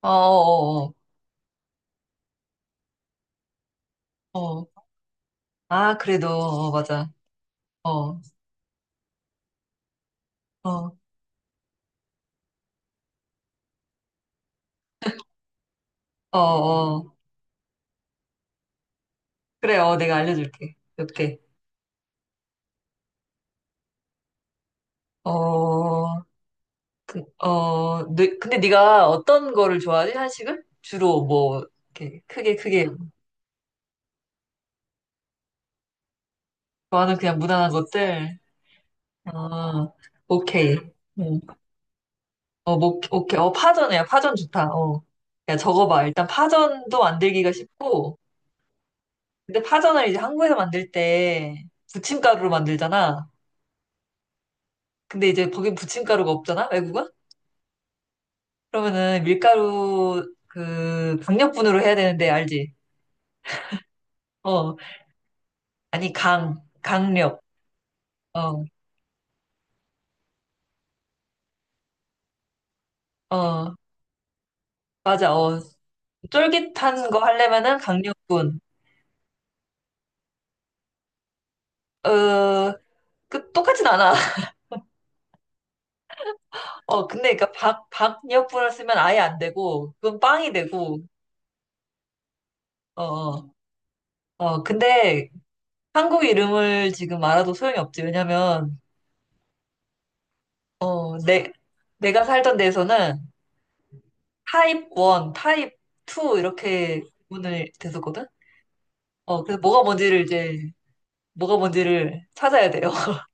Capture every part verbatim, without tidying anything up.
어, 어, 어, 어. 아, 그래도, 어, 맞아. 어, 어, 어, 어. 그래, 어, 내가 알려줄게. 이렇게. 어, 그, 어, 네, 근데 네가 어떤 거를 좋아하지? 한식을? 주로 뭐, 이렇게 크게 크게 좋아하는 그냥 무난한 것들? 어, 오케이. 응. 어, 뭐, 오케이. 어, 파전이야. 파전 좋다. 어. 야, 적어봐. 일단 파전도 만들기가 쉽고, 근데 파전을 이제 한국에서 만들 때 부침가루로 만들잖아. 근데 이제 거긴 부침가루가 없잖아, 외국은? 그러면은 밀가루 그 강력분으로 해야 되는데 알지? 어, 아니 강, 강력. 어, 어, 맞아. 어, 쫄깃한 거 하려면은 강력분. 어, 그 똑같진 않아. 어, 근데 그러니까 박 박력분을 쓰면 아예 안 되고 그건 빵이 되고. 어, 어, 어. 근데 한국 이름을 지금 알아도 소용이 없지. 왜냐면 어, 내 내가 살던 데서는 타입 일, 타입 이 이렇게 구분을 됐었거든? 어, 그래서 뭐가 뭔지를 이제, 뭐가 뭔지를 찾아야 돼요.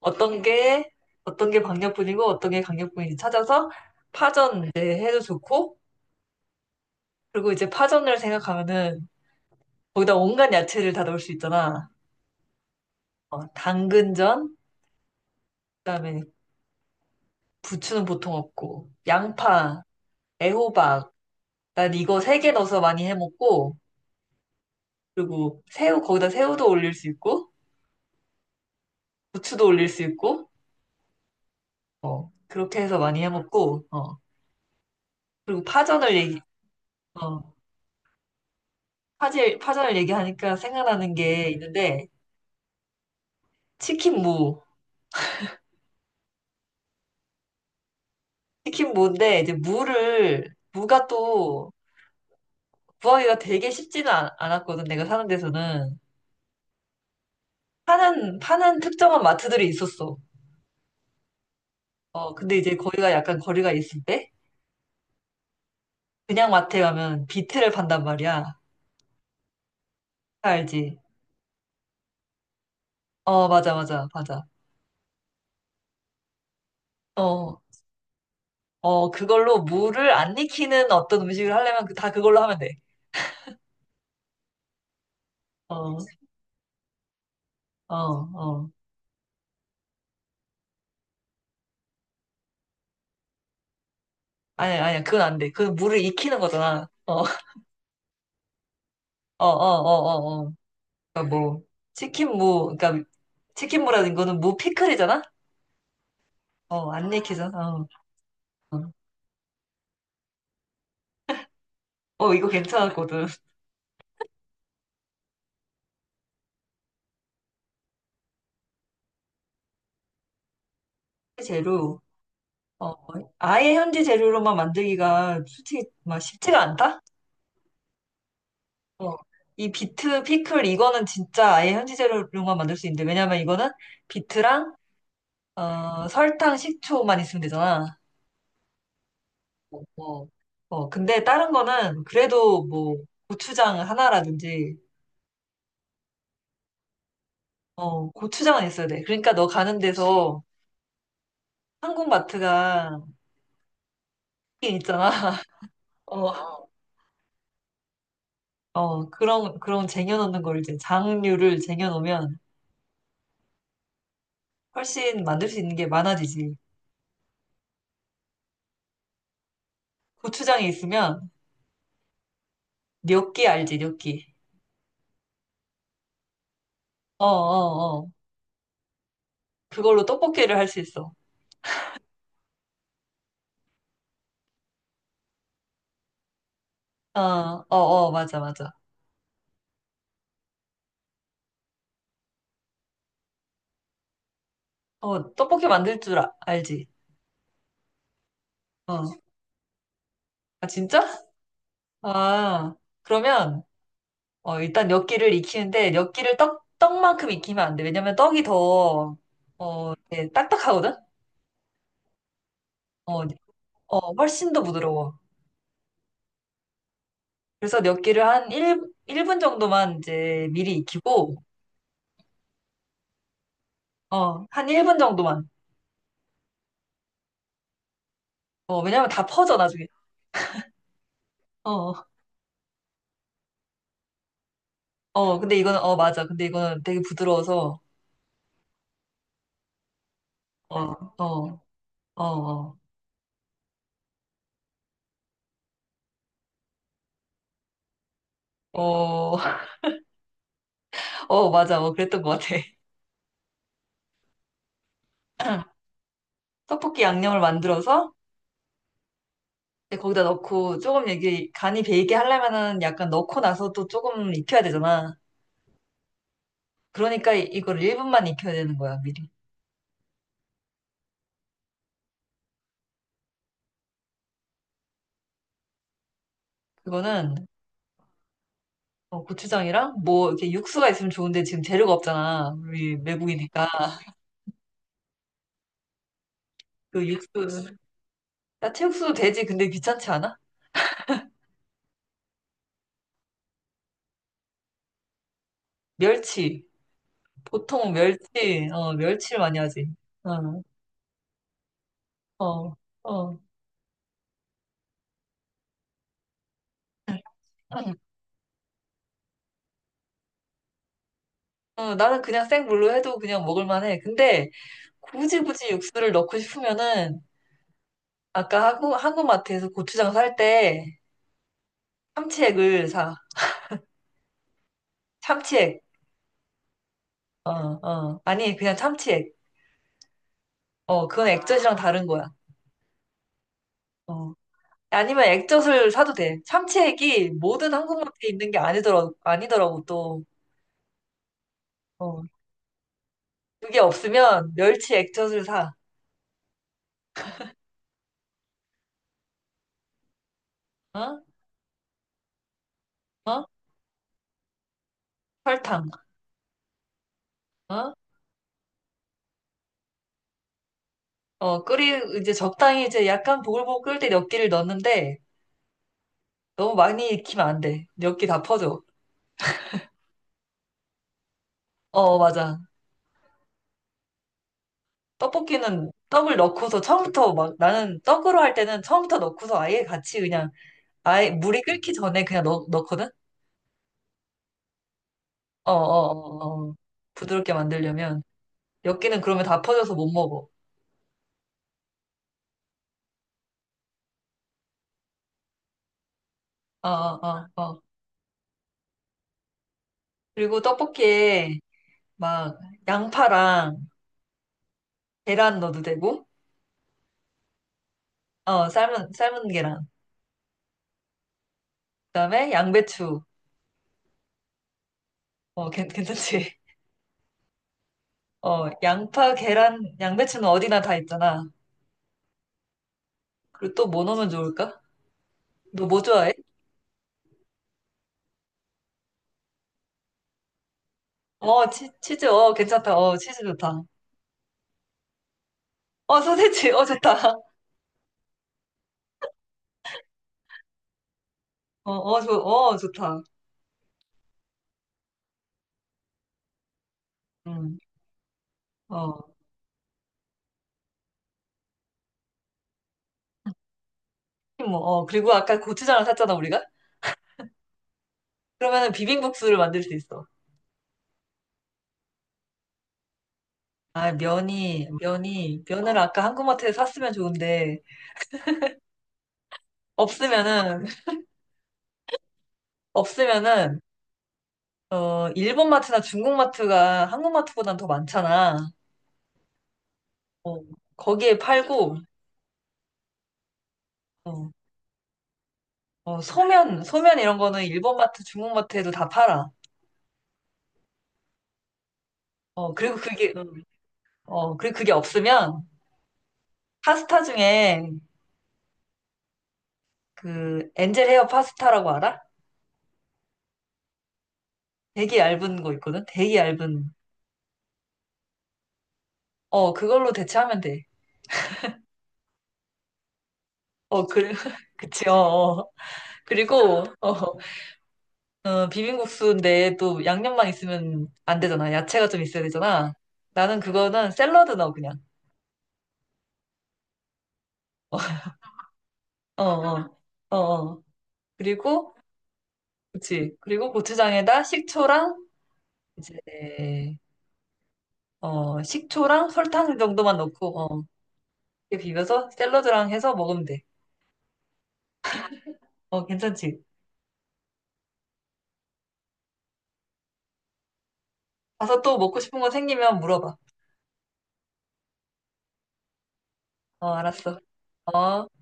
어떤 게, 어떤 게 광역분이고, 어떤 게 강력분인지 찾아서 파전 이제 해도 좋고, 그리고 이제 파전을 생각하면은 거기다 온갖 야채를 다 넣을 수 있잖아. 어, 당근전, 그다음에 부추는 보통 없고, 양파, 애호박, 난 이거 세 개 넣어서 많이 해 먹고, 그리고 새우, 거기다 새우도 올릴 수 있고, 부추도 올릴 수 있고, 어, 그렇게 해서 많이 해먹고, 어, 그리고 파전을 얘기, 어, 파질, 파전을 얘기하니까 생각나는 게 있는데, 치킨 무. 치킨 무인데, 이제 무를, 무가 또 구하기가 되게 쉽지는 않, 않았거든, 내가 사는 데서는. 파는, 파는 특정한 마트들이 있었어. 어, 근데 이제 거기가 약간 거리가 있을 때, 그냥 마트에 가면 비트를 판단 말이야. 다 알지? 어, 맞아, 맞아, 맞아. 어, 어, 그걸로 무를 안 익히는 어떤 음식을 하려면 그- 다 그걸로 하면 돼. 어, 어, 어. 아니야, 아니야. 그건 안 돼. 그건 물을 익히는 거잖아. 어, 어, 어, 어, 어, 어. 그러니까 뭐, 치킨 무, 그러니까 치킨무라는 거는 무 피클이잖아? 어, 안 익히잖아. 어, 어. 어, 이거 괜찮았거든. 재료. 어, 아예 현지 재료로만 만들기가 솔직히 막 쉽지가 않다? 어. 이 비트 피클 이거는 진짜 아예 현지 재료로만 만들 수 있는데 왜냐면 이거는 비트랑 어, 설탕, 식초만 있으면 되잖아. 어, 어, 근데 다른 거는 그래도 뭐 고추장 하나라든지, 어, 고추장은 있어야 돼. 그러니까 너 가는 데서 한국마트가 있긴 있잖아. 어, 어, 그런, 그런 쟁여놓는 걸 이제 장류를 쟁여놓으면 훨씬 만들 수 있는 게 많아지지. 고추장이 있으면 뇨끼 알지, 뇨 끼. 어, 어, 어. 그걸로 떡볶이를 할 수 있어. 어, 어, 어, 맞아, 맞아. 어, 떡볶이 만들 줄 아- 알지? 어. 아, 진짜? 아, 그러면 어, 일단 엿기를 익히는데 엿기를 떡, 떡만큼 익히면 안 돼. 왜냐면 떡이 더, 어, 이렇게 딱딱하거든? 어, 어, 훨씬 더 부드러워. 그래서 엿기를 한 일, 일분 정도만 이제 미리 익히고, 어, 한 일 분 정도만. 어, 왜냐면 다 퍼져, 나중에. 어, 어, 근데 이거는, 어, 맞아. 근데 이거는 되게 부드러워서, 어, 어, 어, 어, 어, 어, 맞아. 어, 그랬던 것 같아. 떡볶이 양념을 만들어서 근데 거기다 넣고 조금 이게 간이 배이게 하려면은 약간 넣고 나서 또 조금 익혀야 되잖아. 그러니까 이- 이걸 일 분만 익혀야 되는 거야, 미리. 그거는 어, 고추장이랑 뭐 이렇게 육수가 있으면 좋은데 지금 재료가 없잖아. 우리 외국이니까. 그 육수, 야채육수도 되지. 근데 귀찮지 않아? 멸치. 보통 멸치, 어, 멸치를 많이 하지. 어, 어, 어. 응, 어, 나는 그냥 생물로 해도 그냥 먹을만 해. 근데 굳이 굳이 육수를 넣고 싶으면은 아까 한국, 한국마트에서 고추장 살 때 참치액을 사. 참치액. 어, 어. 아니, 그냥 참치액. 어, 그건 액젓이랑 아, 다른 거야. 어. 아니면 액젓을 사도 돼. 참치액이 모든 한국마트에 있는 게 아니더라, 아니더라고, 또. 어. 그게 없으면 멸치 액젓을 사. 어? 어? 설탕. 어? 어, 끓이, 이제 적당히 이제 약간 보글보글 끓을 때 몇 개를 넣는데 너무 많이 익히면 안 돼. 몇기다 퍼져. 어, 맞아. 떡볶이는 떡을 넣고서 처음부터 막 나는 떡으로 할 때는 처음부터 넣고서 아예 같이 그냥 아예 물이 끓기 전에 그냥 넣, 넣거든? 어어어 어, 어, 어, 어. 부드럽게 만들려면 엽기는 그러면 다 퍼져서 못 먹어. 어어어 어, 어, 어. 그리고 떡볶이에 막 양파랑 계란 넣어도 되고 어 삶은 삶은 계란 그다음에 양배추 어 괜- 괜찮지? 어 양파 계란 양배추는 어디나 다 있잖아. 그리고 또 뭐 넣으면 좋을까? 너 뭐 좋아해? 어, 치, 치즈, 어, 괜찮다. 어, 치즈 좋다. 어, 소세지, 어, 좋다. 어, 어, 좋, 어, 좋다. 음, 어, 뭐, 어, 그리고 아까 고추장을 샀잖아, 우리가? 그러면은 비빔국수를 만들 수 있어. 아, 면이, 면이, 면을 아까 한국마트에 샀으면 좋은데, 없으면은, 없으면은, 어, 일본 마트나 중국 마트가 한국 마트보단 더 많잖아. 어, 거기에 팔고, 어, 어, 소면, 소면 이런 거는 일본 마트, 중국 마트에도 다 팔아. 어, 그리고 그게, 응. 어, 그리고 그게 없으면 파스타 중에 그 엔젤 헤어 파스타라고 알아? 되게 얇은 거 있거든? 되게 얇은. 어, 그걸로 대체하면 돼. 어, 그, 그치, 어. 어. 그리고, 어, 어, 비빔국수인데 또 양념만 있으면 안 되잖아. 야채가 좀 있어야 되잖아. 나는 그거는 샐러드 넣어, 그냥. 어, 어, 어, 어. 그리고, 그치. 그리고 고추장에다 식초랑, 이제, 어, 식초랑 설탕 정도만 넣고, 어. 이렇게 비벼서 샐러드랑 해서 먹으면 돼. 어, 괜찮지? 가서 또 먹고 싶은 거 생기면 물어봐. 어, 알았어. 어.